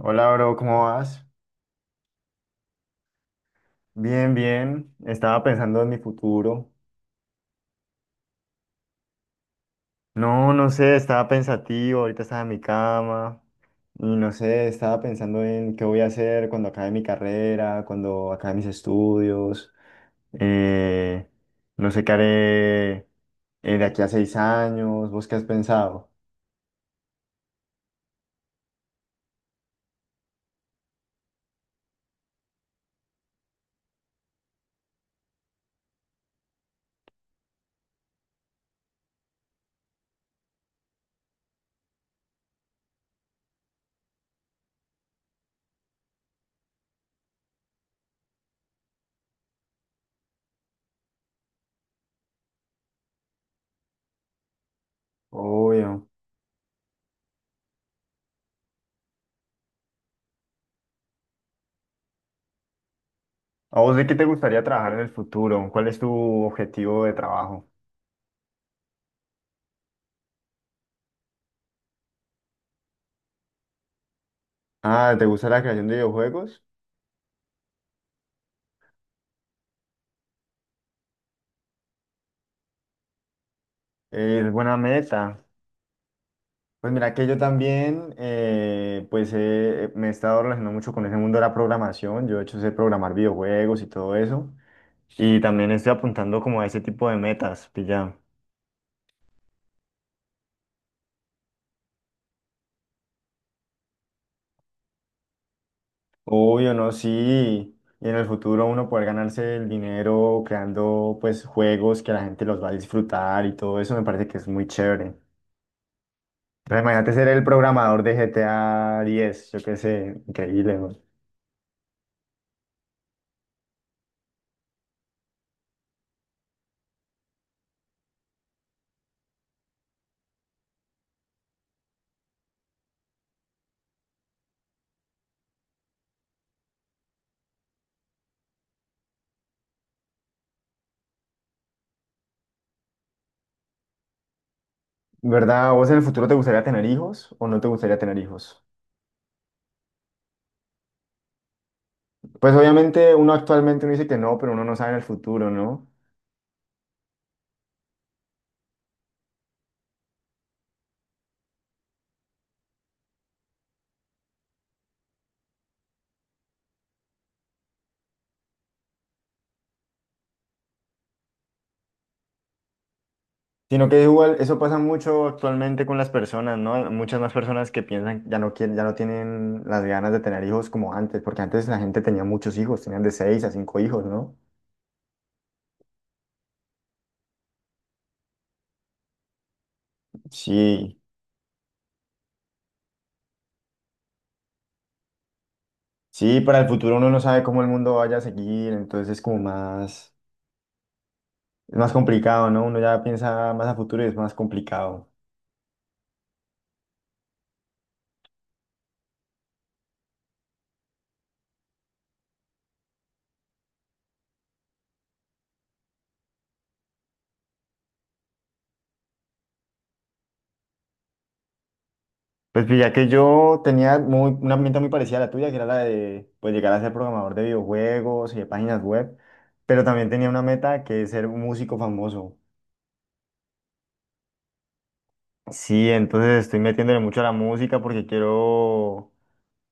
Hola, bro, ¿cómo vas? Bien, bien. Estaba pensando en mi futuro. No, no sé, estaba pensativo, ahorita estaba en mi cama y no sé, estaba pensando en qué voy a hacer cuando acabe mi carrera, cuando acabe mis estudios. eh, no sé qué haré de aquí a 6 años. ¿Vos qué has pensado? Obvio. ¿A vos de qué te gustaría trabajar en el futuro? ¿Cuál es tu objetivo de trabajo? Ah, ¿te gusta la creación de videojuegos? Es buena meta. Pues mira que yo también, pues me he estado relacionando mucho con ese mundo de la programación. Yo de hecho sé programar videojuegos y todo eso. Y también estoy apuntando como a ese tipo de metas, pilla. Obvio, no, sí. Y en el futuro uno poder ganarse el dinero creando pues juegos que la gente los va a disfrutar y todo eso me parece que es muy chévere. Pero imagínate ser el programador de GTA diez. Yo qué sé, increíble, ¿no? ¿Verdad? ¿Vos en el futuro te gustaría tener hijos o no te gustaría tener hijos? Pues obviamente uno actualmente uno dice que no, pero uno no sabe en el futuro, ¿no? Sino que igual eso pasa mucho actualmente con las personas, ¿no? Muchas más personas que piensan ya no quieren, ya no tienen las ganas de tener hijos como antes, porque antes la gente tenía muchos hijos, tenían de 6 a 5 hijos, ¿no? Sí, sí, para el futuro uno no sabe cómo el mundo vaya a seguir, entonces es como más, es más complicado, ¿no? Uno ya piensa más a futuro y es más complicado. Pues, ya que yo tenía muy, una herramienta muy parecida a la tuya, que era la de pues, llegar a ser programador de videojuegos y de páginas web, pero también tenía una meta que es ser un músico famoso. Sí, entonces estoy metiéndole mucho a la música porque quiero,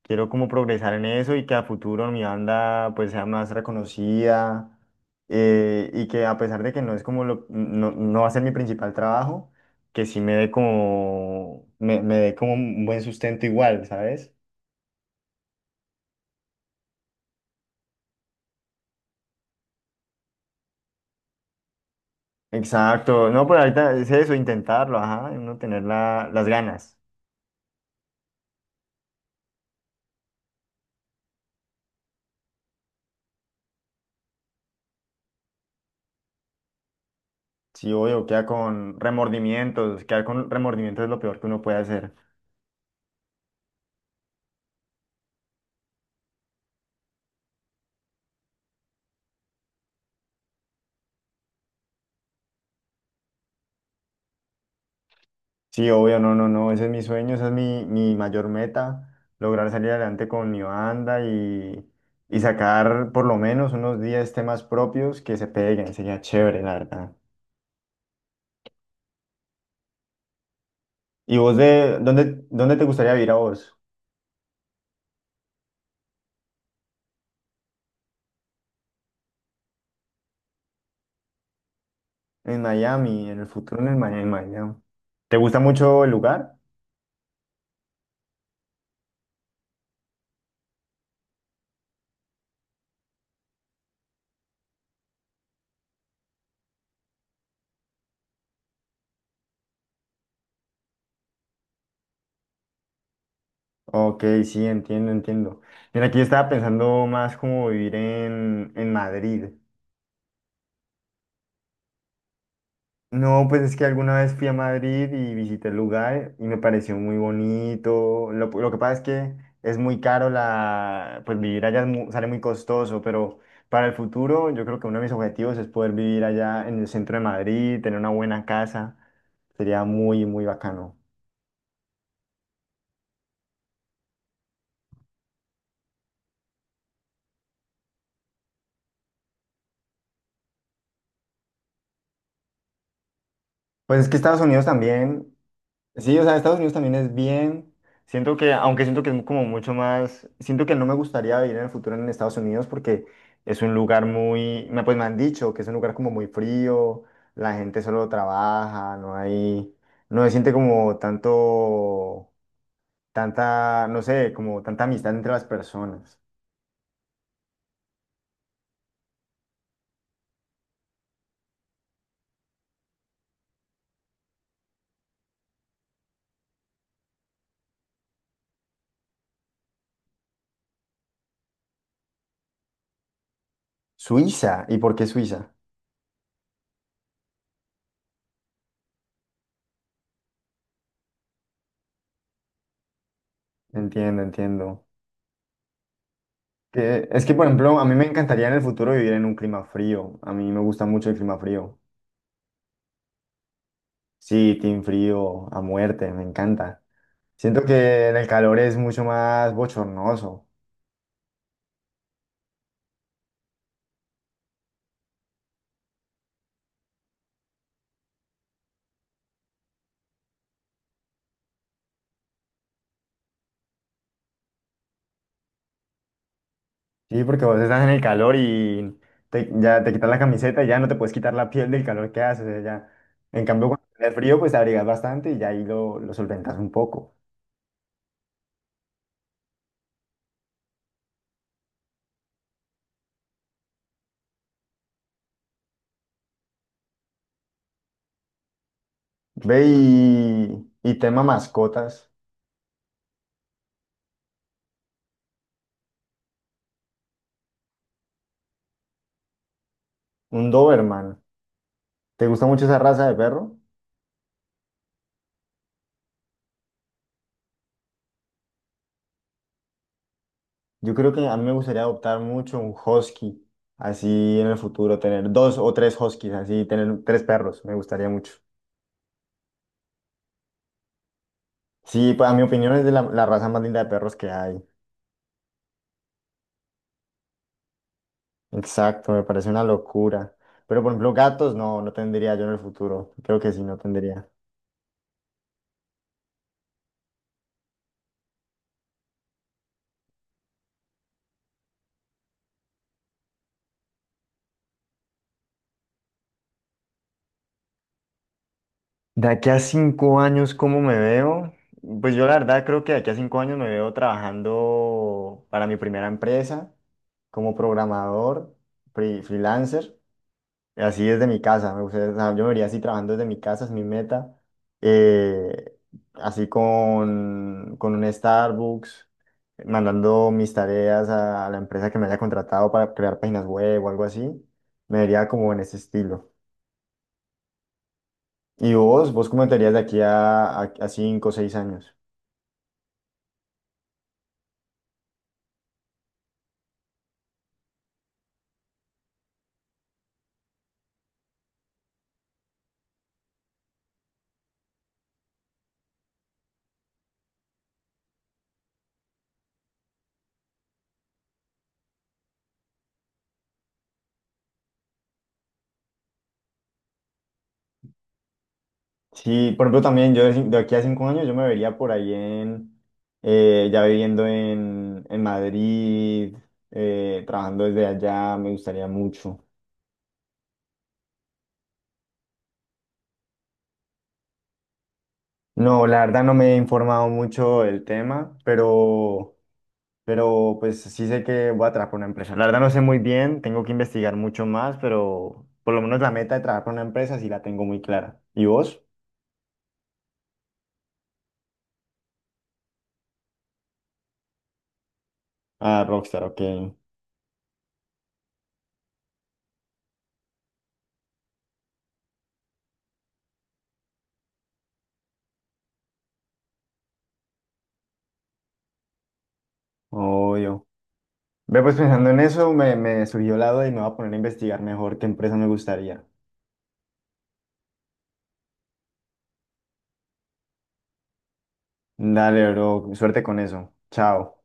quiero como progresar en eso y que a futuro mi banda pues sea más reconocida y que a pesar de que no es como lo, no, no va a ser mi principal trabajo, que sí me dé como, me dé como un buen sustento igual, ¿sabes? Exacto, no, pero ahorita es eso, intentarlo, ajá, uno tener las ganas. Sí, obvio, queda con remordimientos, quedar con remordimientos es lo peor que uno puede hacer. Sí, obvio, no, no, no, ese es mi sueño, esa es mi, mi mayor meta, lograr salir adelante con mi banda y sacar por lo menos unos 10 temas propios que se peguen, sería chévere, la verdad. ¿Y vos de dónde, dónde te gustaría vivir a vos? En Miami, en el futuro en el en Miami. ¿Te gusta mucho el lugar? Ok, sí, entiendo, entiendo. Mira, aquí yo estaba pensando más como vivir en Madrid. No, pues es que alguna vez fui a Madrid y visité el lugar y me pareció muy bonito. Lo que pasa es que es muy caro la, pues vivir allá es sale muy costoso, pero para el futuro yo creo que uno de mis objetivos es poder vivir allá en el centro de Madrid, tener una buena casa. Sería muy, muy bacano. Pues es que Estados Unidos también. Sí, o sea, Estados Unidos también es bien. Siento que, aunque siento que es como mucho más, siento que no me gustaría vivir en el futuro en Estados Unidos porque es un lugar muy, pues me han dicho que es un lugar como muy frío, la gente solo trabaja, no hay, no se siente como tanto, tanta, no sé, como tanta amistad entre las personas. Suiza, ¿y por qué Suiza? Entiendo, entiendo. Que, es que, por ejemplo, a mí me encantaría en el futuro vivir en un clima frío. A mí me gusta mucho el clima frío. Sí, team frío a muerte, me encanta. Siento que en el calor es mucho más bochornoso. Sí, porque vos estás en el calor y ya te quitas la camiseta y ya no te puedes quitar la piel del calor que hace. O sea, ya. En cambio, cuando tenés frío, pues te abrigas bastante y ya ahí lo solventas un poco. Ve y tema mascotas. Un Doberman. ¿Te gusta mucho esa raza de perro? Yo creo que a mí me gustaría adoptar mucho un husky, así en el futuro, tener dos o tres huskies, así tener tres perros, me gustaría mucho. Sí, pues a mi opinión es de la, la raza más linda de perros que hay. Exacto, me parece una locura. Pero por ejemplo, gatos no, no tendría yo en el futuro. Creo que sí, no tendría. De aquí a 5 años, ¿cómo me veo? Pues yo la verdad creo que de aquí a 5 años me veo trabajando para mi primera empresa como programador, freelancer. Así desde mi casa, me gustaría, o sea, yo me vería así trabajando desde mi casa, es mi meta. eh, Así con un Starbucks, mandando mis tareas a, la empresa que me haya contratado para crear páginas web o algo así. Me vería como en ese estilo. ¿Y vos? ¿Vos cómo te verías de aquí a 5 o 6 años? Sí, por ejemplo, también yo de, de aquí a cinco años yo me vería por ahí en, ya viviendo en Madrid, trabajando desde allá, me gustaría mucho. No, la verdad no me he informado mucho del tema, pero pues sí sé que voy a trabajar para una empresa. La verdad no sé muy bien, tengo que investigar mucho más, pero por lo menos la meta de trabajar para una empresa sí la tengo muy clara. ¿Y vos? Ah, Rockstar, ok. Obvio. Ve, pues pensando en eso, me surgió la duda y me voy a poner a investigar mejor qué empresa me gustaría. Dale, bro, suerte con eso. Chao.